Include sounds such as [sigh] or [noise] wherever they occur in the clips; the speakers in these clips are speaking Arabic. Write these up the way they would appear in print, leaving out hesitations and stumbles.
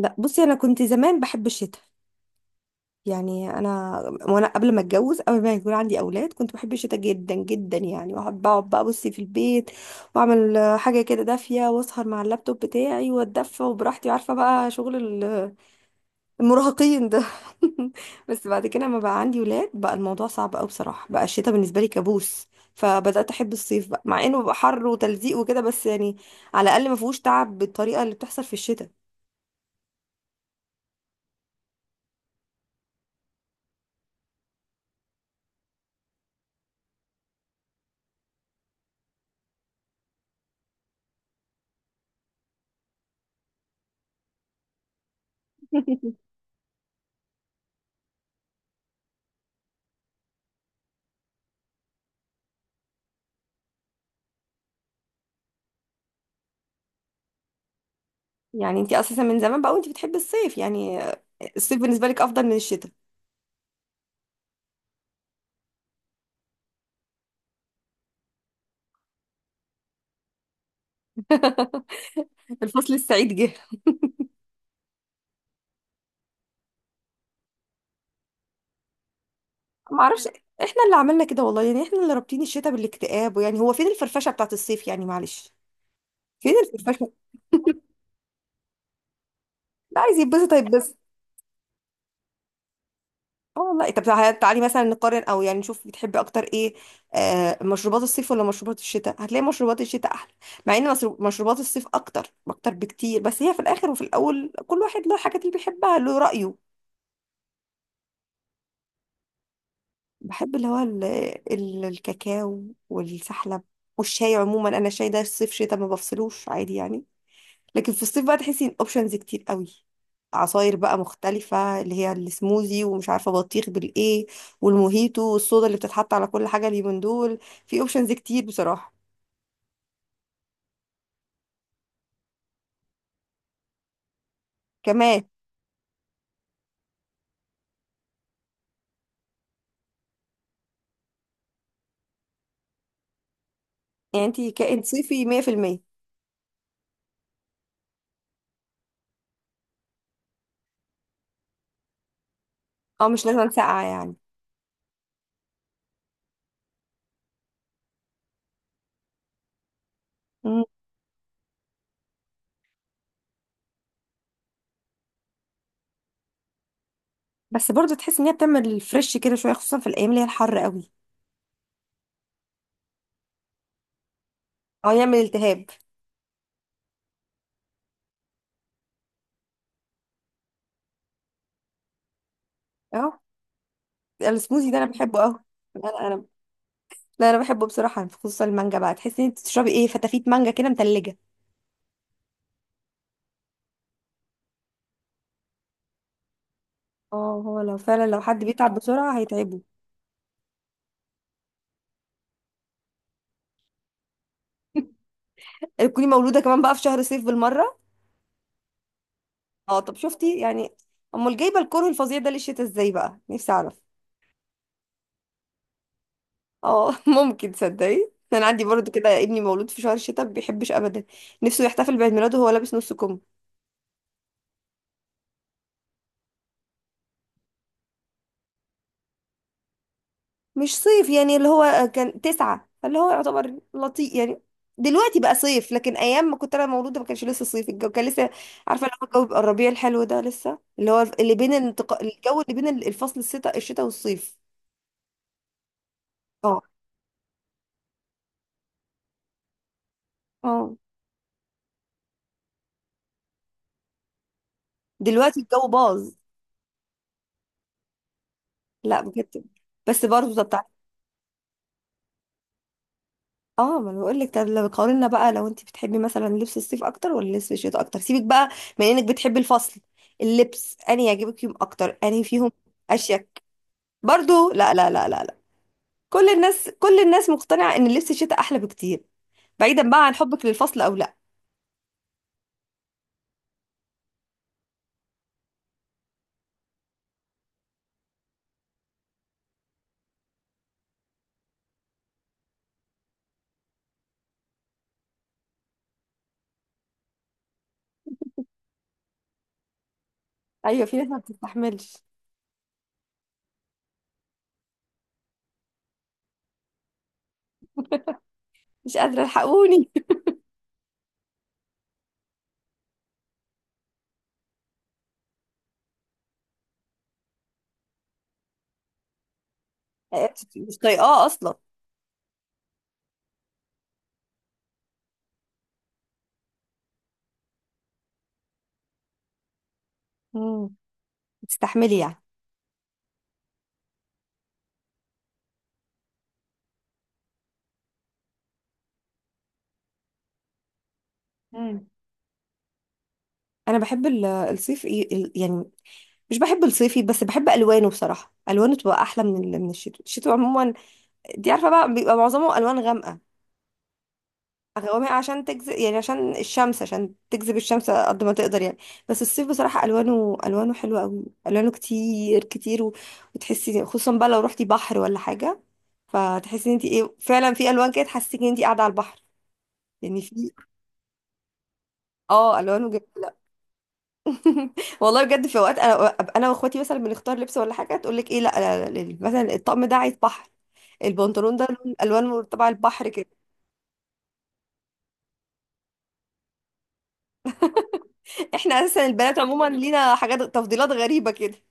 لا بصي انا كنت زمان بحب الشتاء. يعني انا وانا قبل ما اتجوز قبل ما يكون عندي اولاد كنت بحب الشتاء جدا جدا، يعني واحب اقعد بقى بصي في البيت واعمل حاجه كده دافيه واسهر مع اللابتوب بتاعي واتدفى وبراحتي عارفه بقى شغل ال- المراهقين ده. [laughs] بس بعد كده لما بقى عندي ولاد بقى الموضوع صعب قوي بصراحه، بقى الشتاء بالنسبه لي كابوس. فبدات احب الصيف بقى مع انه بقى حر وتلزيق وكده، بس يعني على الاقل ما فيهوش تعب بالطريقه اللي بتحصل في الشتاء. [laughs] يعني انت اساسا من زمان بقى وانت بتحبي الصيف، يعني الصيف بالنسبه لك افضل من الشتاء. الفصل السعيد جه. ما اعرفش، احنا اللي عملنا كده والله، يعني احنا اللي رابطين الشتاء بالاكتئاب، ويعني هو فين الفرفشه بتاعت الصيف يعني؟ معلش، فين الفرفشه؟ لا عايز يتبسط هيتبسط. اه والله، طب تعالي تعالي مثلا نقارن او يعني نشوف بتحبي اكتر ايه؟ آه مشروبات الصيف ولا مشروبات الشتاء؟ هتلاقي مشروبات الشتاء احلى، مع ان مشروبات الصيف اكتر اكتر بكتير، بس هي في الاخر وفي الاول كل واحد له الحاجات اللي بيحبها، له رايه. بحب اللي هو الكاكاو والسحلب والشاي. عموما انا الشاي ده الصيف شتاء ما بفصلوش، عادي يعني. لكن في الصيف بقى تحسي ان اوبشنز كتير قوي. عصاير بقى مختلفة اللي هي السموزي ومش عارفة بطيخ بالايه والموهيتو والصودا اللي بتتحط على كل حاجة اليومين دول. في اوبشنز كتير بصراحة. كمان، يعني انتي كائن صيفي 100%. اه مش لازم ساقعة يعني. مم. بس برضه تحس ان هي بتعمل فريش كده شوية، خصوصا في الايام اللي هي الحر قوي. اه يعمل التهاب. اه السموزي ده انا بحبه قوي. لا انا لا انا بحبه بصراحه، خصوصا المانجا بقى تحسي ان انت بتشربي ايه، فتافيت مانجا كده متلجه. اه هو لو فعلا لو حد بيتعب بسرعه هيتعبه. [laughs] تكوني مولوده كمان بقى في شهر صيف بالمره. اه طب شفتي يعني، امال جايبه الكره الفظيع ده للشتا ازاي؟ بقى نفسي اعرف. اه [laughs] ممكن تصدقي انا عندي برضو كده، ابني مولود في شهر الشتاء ما بيحبش ابدا، نفسه يحتفل بعيد ميلاده وهو لابس نص كم. مش صيف يعني، اللي هو كان تسعة، فاللي هو يعتبر لطيف يعني. دلوقتي بقى صيف، لكن ايام ما كنت انا مولوده ما كانش لسه صيف، الجو كان لسه عارفه اللي هو الجو بيبقى الربيع الحلو ده لسه، اللي هو اللي بين الجو اللي بين الفصل الشتاء والصيف. اه اه، دلوقتي الجو باظ. لا بجد، بس برضه ده بتاع. اه ما انا بقول لك، طب لو قارنا بقى، لو انت بتحبي مثلا لبس الصيف اكتر ولا لبس الشتاء اكتر، سيبك بقى من انك بتحبي الفصل، اللبس انهي يعجبك فيهم اكتر؟ انهي فيهم اشيك؟ برضو لا لا لا لا، كل الناس، كل الناس مقتنعة ان لبس الشتاء احلى بكتير، بعيدا بقى عن حبك للفصل او لا. ايوه في ناس ما بتستحملش. مش قادرة الحقوني. [laughs] مش طايقاه اصلا. امم، بتستحملي يعني؟ مم. انا بحب الصيف يعني مش بحب الصيفي، بس بحب الوانه بصراحة، الوانه تبقى احلى من من الشتوي. الشتوي عموما دي عارفة بقى بيبقى معظمه الوان غامقة، غوامق عشان تجذب، يعني عشان الشمس، عشان تجذب الشمس قد ما تقدر يعني. بس الصيف بصراحة ألوانه، ألوانه حلوة قوي، ألوانه كتير كتير، و... وتحسي خصوصا بقى لو رحتي بحر ولا حاجة، فتحسي ان انت ايه، فعلا في ألوان كده تحسسك ان انت قاعدة على البحر. يعني في اه ألوانه جميلة. [laughs] والله بجد في اوقات انا أبقى انا واخواتي مثلا بنختار لبس ولا حاجة تقول لك ايه، لا، مثلا الطقم ده عايز بحر، البنطلون ده الوان تبع البحر كده. [laughs] احنا اساسا البنات عموما لينا حاجات، تفضيلات غريبة كده،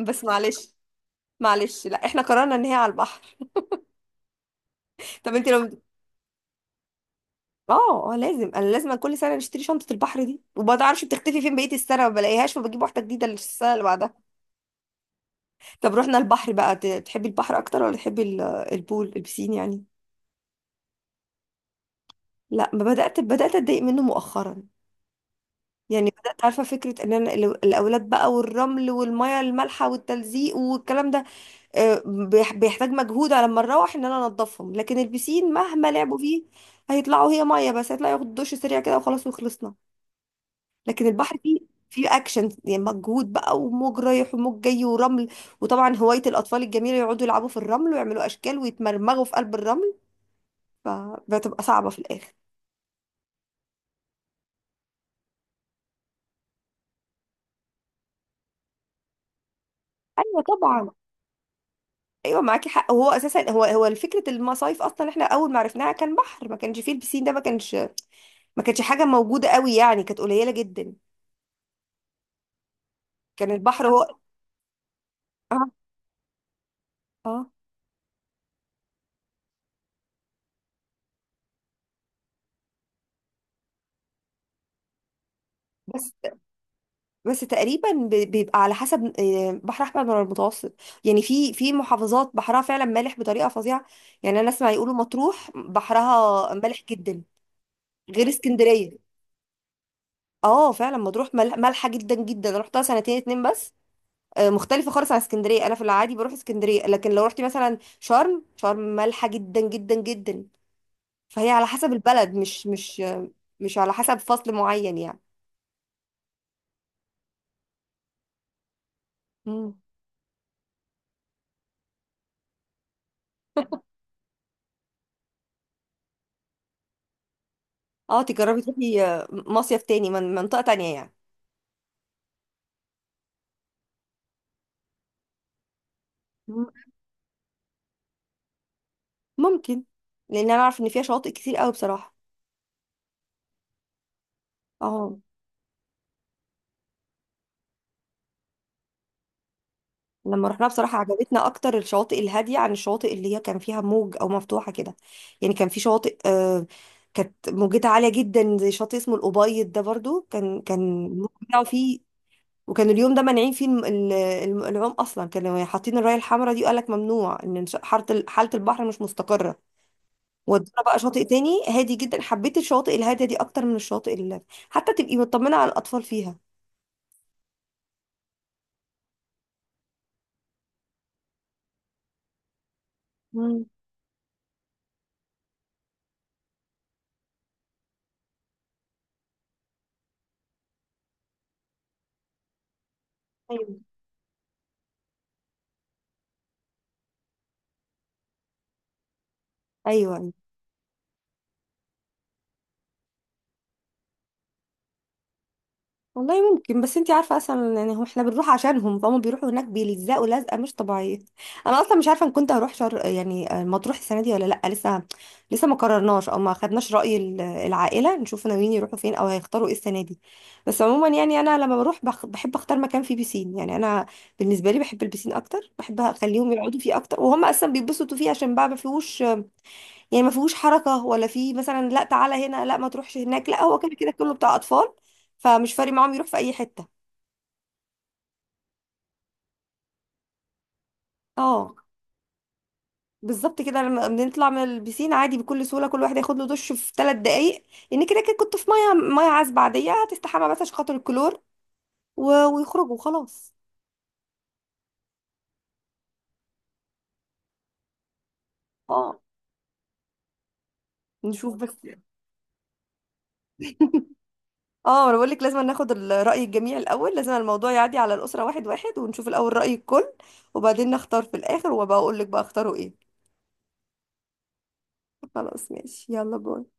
بس معلش. معلش، لا احنا قررنا ان هي على البحر. [laughs] طب انت لو اه لازم انا لازم كل سنه نشتري شنطه البحر دي، وما تعرفش بتختفي فين بقيه السنه، ما بلاقيهاش فبجيب واحده جديده للسنه اللي بعدها. طب رحنا البحر بقى، تحبي البحر اكتر ولا تحبي البول، البسين يعني؟ لا ما بدات، بدات اتضايق منه مؤخرا. يعني بدات عارفه فكره ان انا الاولاد بقى والرمل والميه المالحه والتلزيق والكلام ده، بيحتاج مجهود على ما نروح ان انا انضفهم. لكن البسين مهما لعبوا فيه هيطلعوا هي ميه، بس هيطلعوا ياخدوا دش سريع كده وخلاص وخلصنا. لكن البحر فيه، فيه اكشن يعني، مجهود بقى وموج رايح وموج جاي ورمل، وطبعا هواية الاطفال الجميلة يقعدوا يلعبوا في الرمل ويعملوا اشكال ويتمرمغوا في قلب الرمل، فبتبقى صعبة في الاخر. ايوه طبعا. ايوه معاكي حق، وهو اساسا هو هو فكره المصايف اصلا، احنا اول ما عرفناها كان بحر، ما كانش فيه البسين ده، ما كانش، ما كانش حاجه موجوده قوي يعني، كانت قليله جدا. كان البحر هو اه اه، بس بس تقريبا بيبقى على حسب بحر احمر ولا المتوسط. يعني في في محافظات بحرها فعلا مالح بطريقه فظيعه، يعني انا اسمع يقولوا مطروح بحرها مالح جدا، غير اسكندريه. اه فعلا مطروح مالحه جدا جدا، رحتها سنتين اتنين بس. مختلفه خالص عن اسكندريه. انا في العادي بروح اسكندريه، لكن لو رحتي مثلا شرم، شرم مالحه جدا جدا جدا. فهي على حسب البلد، مش على حسب فصل معين يعني. اه تجربي تروحي مصيف تاني من منطقة تانية يعني. مم، ممكن، لان انا اعرف ان فيها شواطئ كتير قوي بصراحة. اه لما رحنا بصراحة عجبتنا اكتر الشواطئ الهادية عن الشواطئ اللي هي كان فيها موج او مفتوحة كده. يعني كان في شواطئ آه، كانت موجتها عالية جدا، زي شاطئ اسمه الأبيض ده برضو، كان الموج بتاعه فيه. وكان اليوم ده مانعين فيه العوم اصلا، كانوا حاطين الراية الحمراء دي وقال لك ممنوع ان حالة البحر مش مستقرة. ودونا بقى شاطئ تاني هادي جدا، حبيت الشواطئ الهاديه دي اكتر من الشواطئ اللي حتى تبقي مطمنه على الاطفال فيها. مم. ايوه. ايوه والله ممكن، بس انتي عارفه اصلا يعني هم، احنا بنروح عشانهم، فهم بيروحوا هناك بيلزقوا لزقه مش طبيعيه. انا اصلا مش عارفه ان كنت هروح شر، يعني مطروح السنه دي ولا لا لسه، لسه ما قررناش او ما خدناش راي العائله، نشوف ناويين يروحوا فين او هيختاروا ايه السنه دي. بس عموما يعني انا لما بروح بحب اختار مكان فيه بيسين، يعني انا بالنسبه لي بحب البيسين اكتر، بحب اخليهم يقعدوا فيه اكتر، وهم اصلا بيتبسطوا فيه عشان بقى ما فيهوش، يعني ما فيهوش حركة، ولا فيه مثلا لا تعالى هنا لا ما تروحش هناك، لا هو كده كده كله بتاع أطفال، فمش فارق معاهم يروح في أي حتة. اه بالظبط كده، لما بنطلع من البسين عادي بكل سهولة، كل واحد ياخد له دش في ثلاث دقايق، لأن كده كده كنت في مية، مية عذبة عادية هتستحمى بس عشان خاطر الكلور، و... ويخرجوا وخلاص. اه نشوف بس. اه انا بقول لك لازم ناخد رأي الجميع الأول، لازم الموضوع يعدي على الأسرة واحد واحد، ونشوف الأول رأي الكل وبعدين نختار في الآخر، وبقول لك بقى اختاروا ايه. خلاص ماشي يلا باي.